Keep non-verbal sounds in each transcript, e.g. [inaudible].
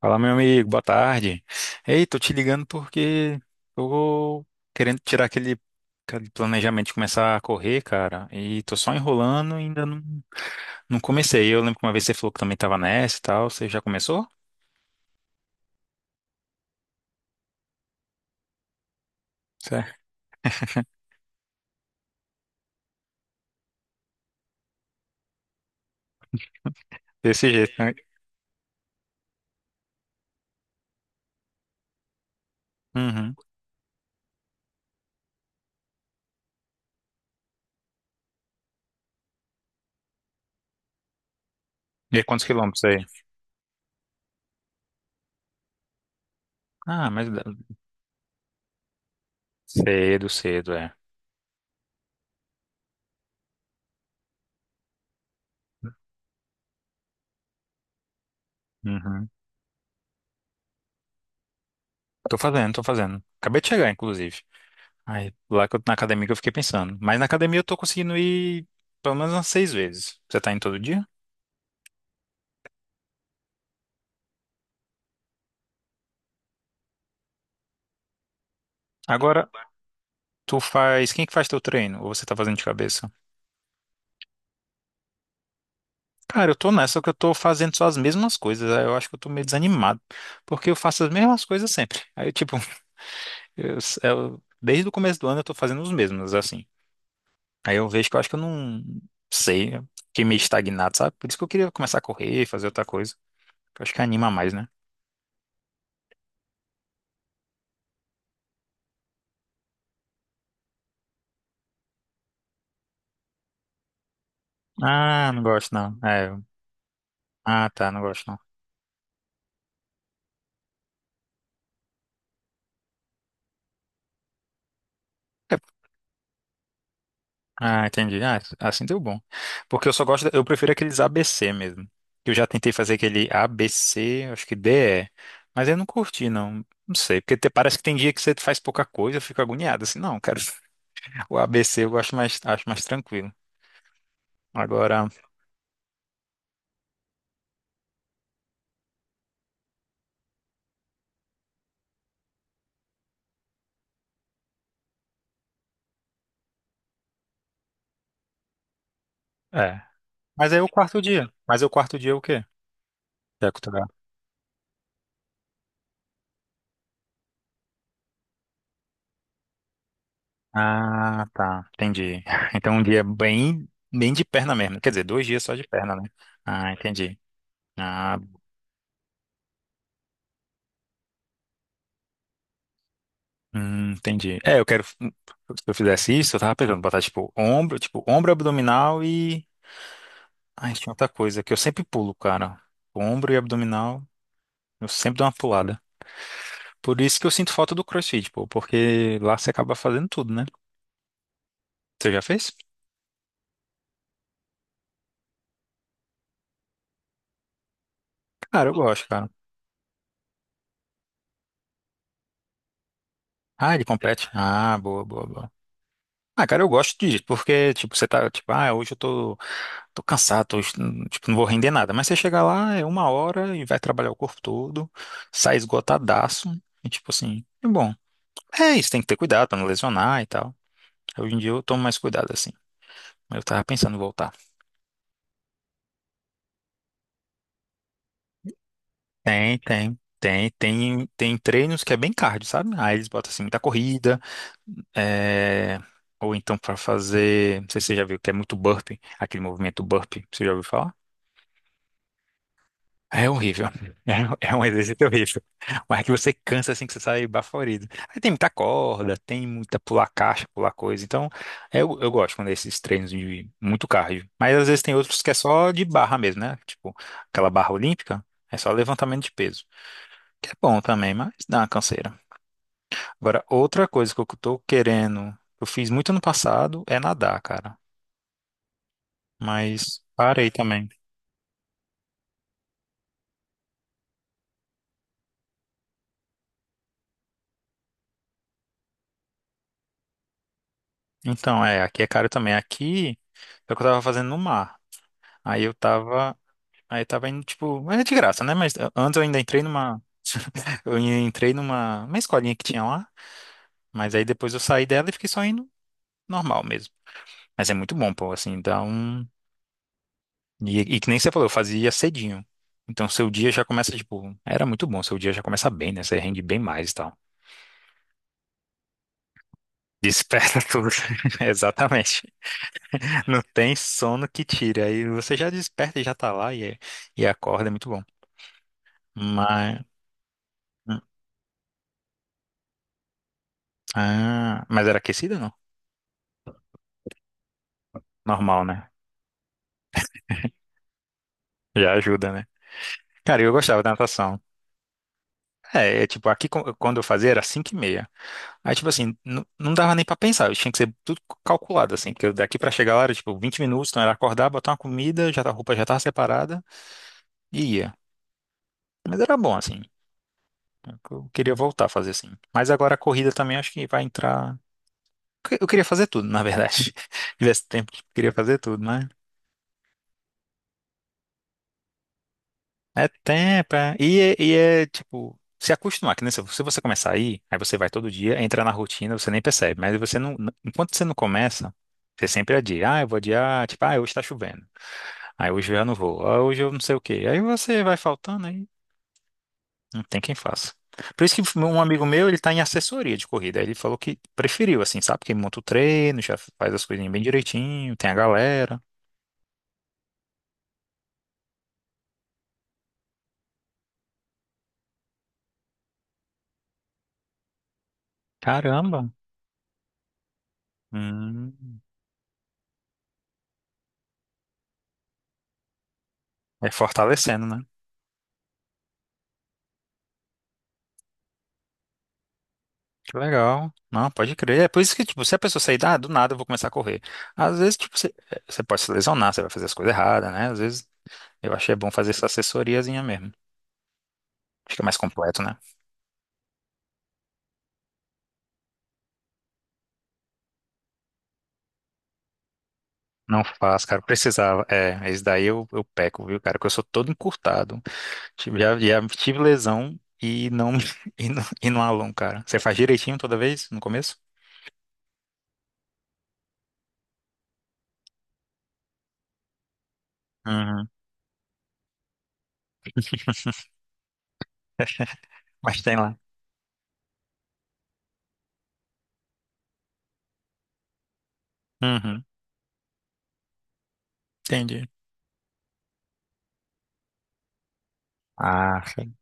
Fala, meu amigo, boa tarde. Ei, tô te ligando porque tô querendo tirar aquele planejamento de começar a correr, cara, e tô só enrolando e ainda não, não comecei. Eu lembro que uma vez você falou que também tava nessa e tal, você já começou? Certo. Desse jeito, né? Uhum. E aí, quantos quilômetros aí? Ah, mas dá- cedo, cedo, é. Uhum. Tô fazendo, tô fazendo. Acabei de chegar, inclusive. Aí, lá que eu, na academia que eu fiquei pensando. Mas na academia eu tô conseguindo ir pelo menos umas seis vezes. Você tá indo todo dia? Agora, tu faz. Quem é que faz teu treino? Ou você tá fazendo de cabeça? Cara, eu tô nessa que eu tô fazendo só as mesmas coisas. Aí, eu acho que eu tô meio desanimado. Porque eu faço as mesmas coisas sempre. Aí, tipo, [laughs] desde o começo do ano eu tô fazendo os mesmos, assim. Aí eu vejo que eu acho que eu não sei. Eu fiquei meio estagnado, sabe? Por isso que eu queria começar a correr, fazer outra coisa, que eu acho que anima mais, né? Ah, não gosto não. É. Ah, tá, não gosto não. Ah, entendi. Ah, assim deu bom. Porque eu só gosto, eu prefiro aqueles ABC mesmo. Eu já tentei fazer aquele ABC, acho que DE, mas eu não curti, não. Não sei, porque parece que tem dia que você faz pouca coisa, eu fico agoniado, assim, não, cara, [laughs] o ABC eu gosto mais, acho mais tranquilo. Agora, é. Mas aí é o quarto dia. Mas é o quarto dia é o quê? Que é cultural. Ah, tá, entendi. [laughs] Então um dia bem, bem de perna mesmo. Quer dizer, 2 dias só de perna, né? Ah, entendi. Ah, hum, entendi. É, eu quero. Se eu fizesse isso, eu tava pensando, botar tipo ombro, abdominal e. Ai, tinha outra coisa que eu sempre pulo, cara. Ombro e abdominal, eu sempre dou uma pulada. Por isso que eu sinto falta do CrossFit, pô, porque lá você acaba fazendo tudo, né? Você já fez? Cara, eu gosto, cara. Ah, ele compete? Ah, boa, boa, boa. Ah, cara, eu gosto disso, porque, tipo, você tá, tipo, ah, hoje eu tô cansado, tô, tipo, não vou render nada. Mas você chega lá, é 1 hora e vai trabalhar o corpo todo, sai esgotadaço, e tipo assim, é bom. É isso, tem que ter cuidado pra não lesionar e tal. Hoje em dia eu tomo mais cuidado, assim. Eu tava pensando em voltar. Tem, tem. Tem, tem, tem treinos que é bem cardio, sabe? Aí eles botam assim muita corrida, é, ou então pra fazer, não sei se você já viu, que é muito burpee, aquele movimento burpee, você já ouviu falar? É horrível. É um exercício horrível. Mas é que você cansa assim que você sai baforido. Aí tem muita corda, tem muita pular caixa, pular coisa. Então, eu gosto quando é esses treinos de muito cardio. Mas às vezes tem outros que é só de barra mesmo, né? Tipo, aquela barra olímpica, é só levantamento de peso. Que é bom também, mas dá uma canseira. Agora, outra coisa que eu tô querendo, eu fiz muito ano passado, é nadar, cara. Mas parei também. Então, é, aqui é caro também. Aqui é o que eu tava fazendo no mar. Aí eu tava, aí tava indo, tipo, mas é de graça, né? Mas antes eu ainda entrei numa, [laughs] eu entrei numa, uma escolinha que tinha lá, mas aí depois eu saí dela e fiquei só indo normal mesmo. Mas é muito bom, pô, assim, dá um, e que nem você falou, eu fazia cedinho. Então seu dia já começa, tipo, era muito bom, seu dia já começa bem, né? Você rende bem mais e tal. Desperta [laughs] tudo. Exatamente. Não tem sono que tire. Aí você já desperta e já tá lá e, é, e acorda, é muito bom. Mas, hum, ah, mas era aquecida, não? Normal, né? Já ajuda, né? Cara, eu gostava da natação. É tipo, aqui quando eu fazia era 5:30. Aí, tipo assim, não dava nem pra pensar, eu tinha que ser tudo calculado, assim, porque eu daqui pra chegar lá era, tipo, 20 minutos, então era acordar, botar uma comida, a roupa já tava separada e ia. Mas era bom, assim. Eu queria voltar a fazer assim. Mas agora a corrida também acho que vai entrar. Eu queria fazer tudo, na verdade. [laughs] Se tivesse tempo, queria fazer tudo. É tempo, é. E é tipo, se acostumar, que nem se você começar a ir, aí você vai todo dia, entra na rotina, você nem percebe, mas você não, enquanto você não começa, você sempre adia, ah, eu vou adiar, tipo, ah, hoje tá chovendo, aí hoje eu já não vou, ah, hoje eu não sei o quê, aí você vai faltando, aí não tem quem faça. Por isso que um amigo meu, ele tá em assessoria de corrida, aí ele falou que preferiu, assim, sabe, que monta o treino, já faz as coisinhas bem direitinho, tem a galera, caramba, hum, é fortalecendo, né? Que legal. Não, pode crer. É por isso que, tipo, se a pessoa sair, ah, do nada eu vou começar a correr. Às vezes, tipo, você pode se lesionar, você vai fazer as coisas erradas, né? Às vezes, eu achei bom fazer essa assessoriazinha mesmo. Fica mais completo, né? Não faz, cara. Eu precisava. É, esse daí eu peco, viu, cara? Que eu sou todo encurtado. Tive, já, já tive lesão e não, [laughs] e não alongo, cara. Você faz direitinho toda vez, no começo? Uhum. [laughs] Mas tem lá. Uhum. Entendi. Ah, sim.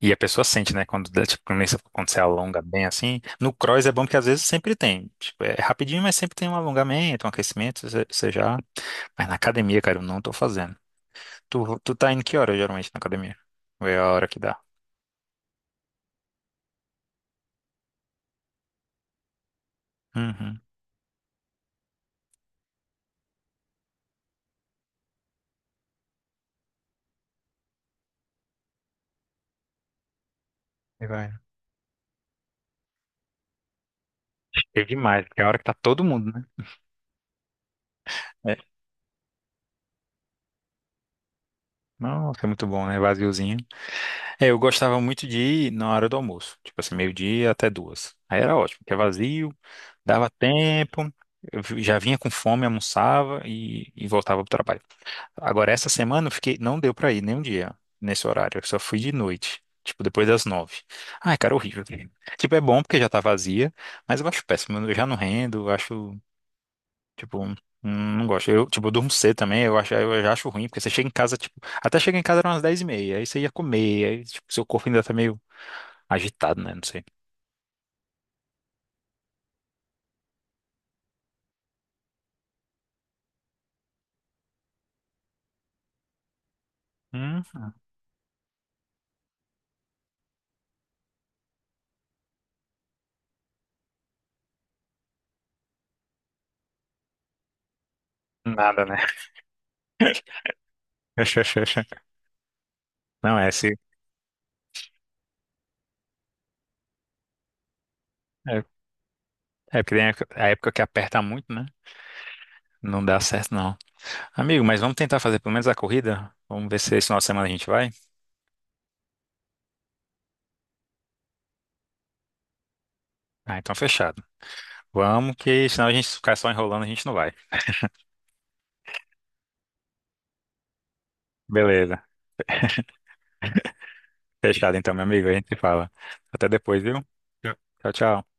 E a pessoa sente, né? Quando, dá, tipo, quando você alonga bem assim. No cross é bom porque às vezes sempre tem. Tipo, é rapidinho, mas sempre tem um alongamento, um aquecimento, você já. Mas na academia, cara, eu não tô fazendo. Tu tá indo que hora geralmente na academia? Ou é a hora que dá? Uhum. E vai. É demais, porque é a hora que tá todo mundo, né? É. Nossa, é muito bom, né? Vaziozinho. É, eu gostava muito de ir na hora do almoço, tipo assim, meio-dia até duas. Aí era ótimo, porque é vazio, dava tempo, já vinha com fome, almoçava e voltava pro trabalho. Agora, essa semana eu fiquei, não deu pra ir nem um dia nesse horário, eu só fui de noite, tipo depois das nove. Ai, cara, horrível. Tipo, é bom porque já tá vazia, mas eu acho péssimo, eu já não rendo, eu acho. Tipo, não gosto. Eu, tipo, eu durmo cedo também, eu acho, eu já acho ruim, porque você chega em casa, tipo, até chega em casa eram umas 10:30, aí você ia comer, aí, tipo, seu corpo ainda tá meio agitado, né? Não sei. Hum, nada, né? [laughs] Não, é, se, é, é porque tem a época que aperta muito, né? Não dá certo, não. Amigo, mas vamos tentar fazer pelo menos a corrida? Vamos ver se esse final de semana a gente vai? Ah, então fechado. Vamos, que senão a gente ficar só enrolando, a gente não vai. Beleza. Fechado então, meu amigo, a gente se fala. Até depois, viu? Tchau, tchau.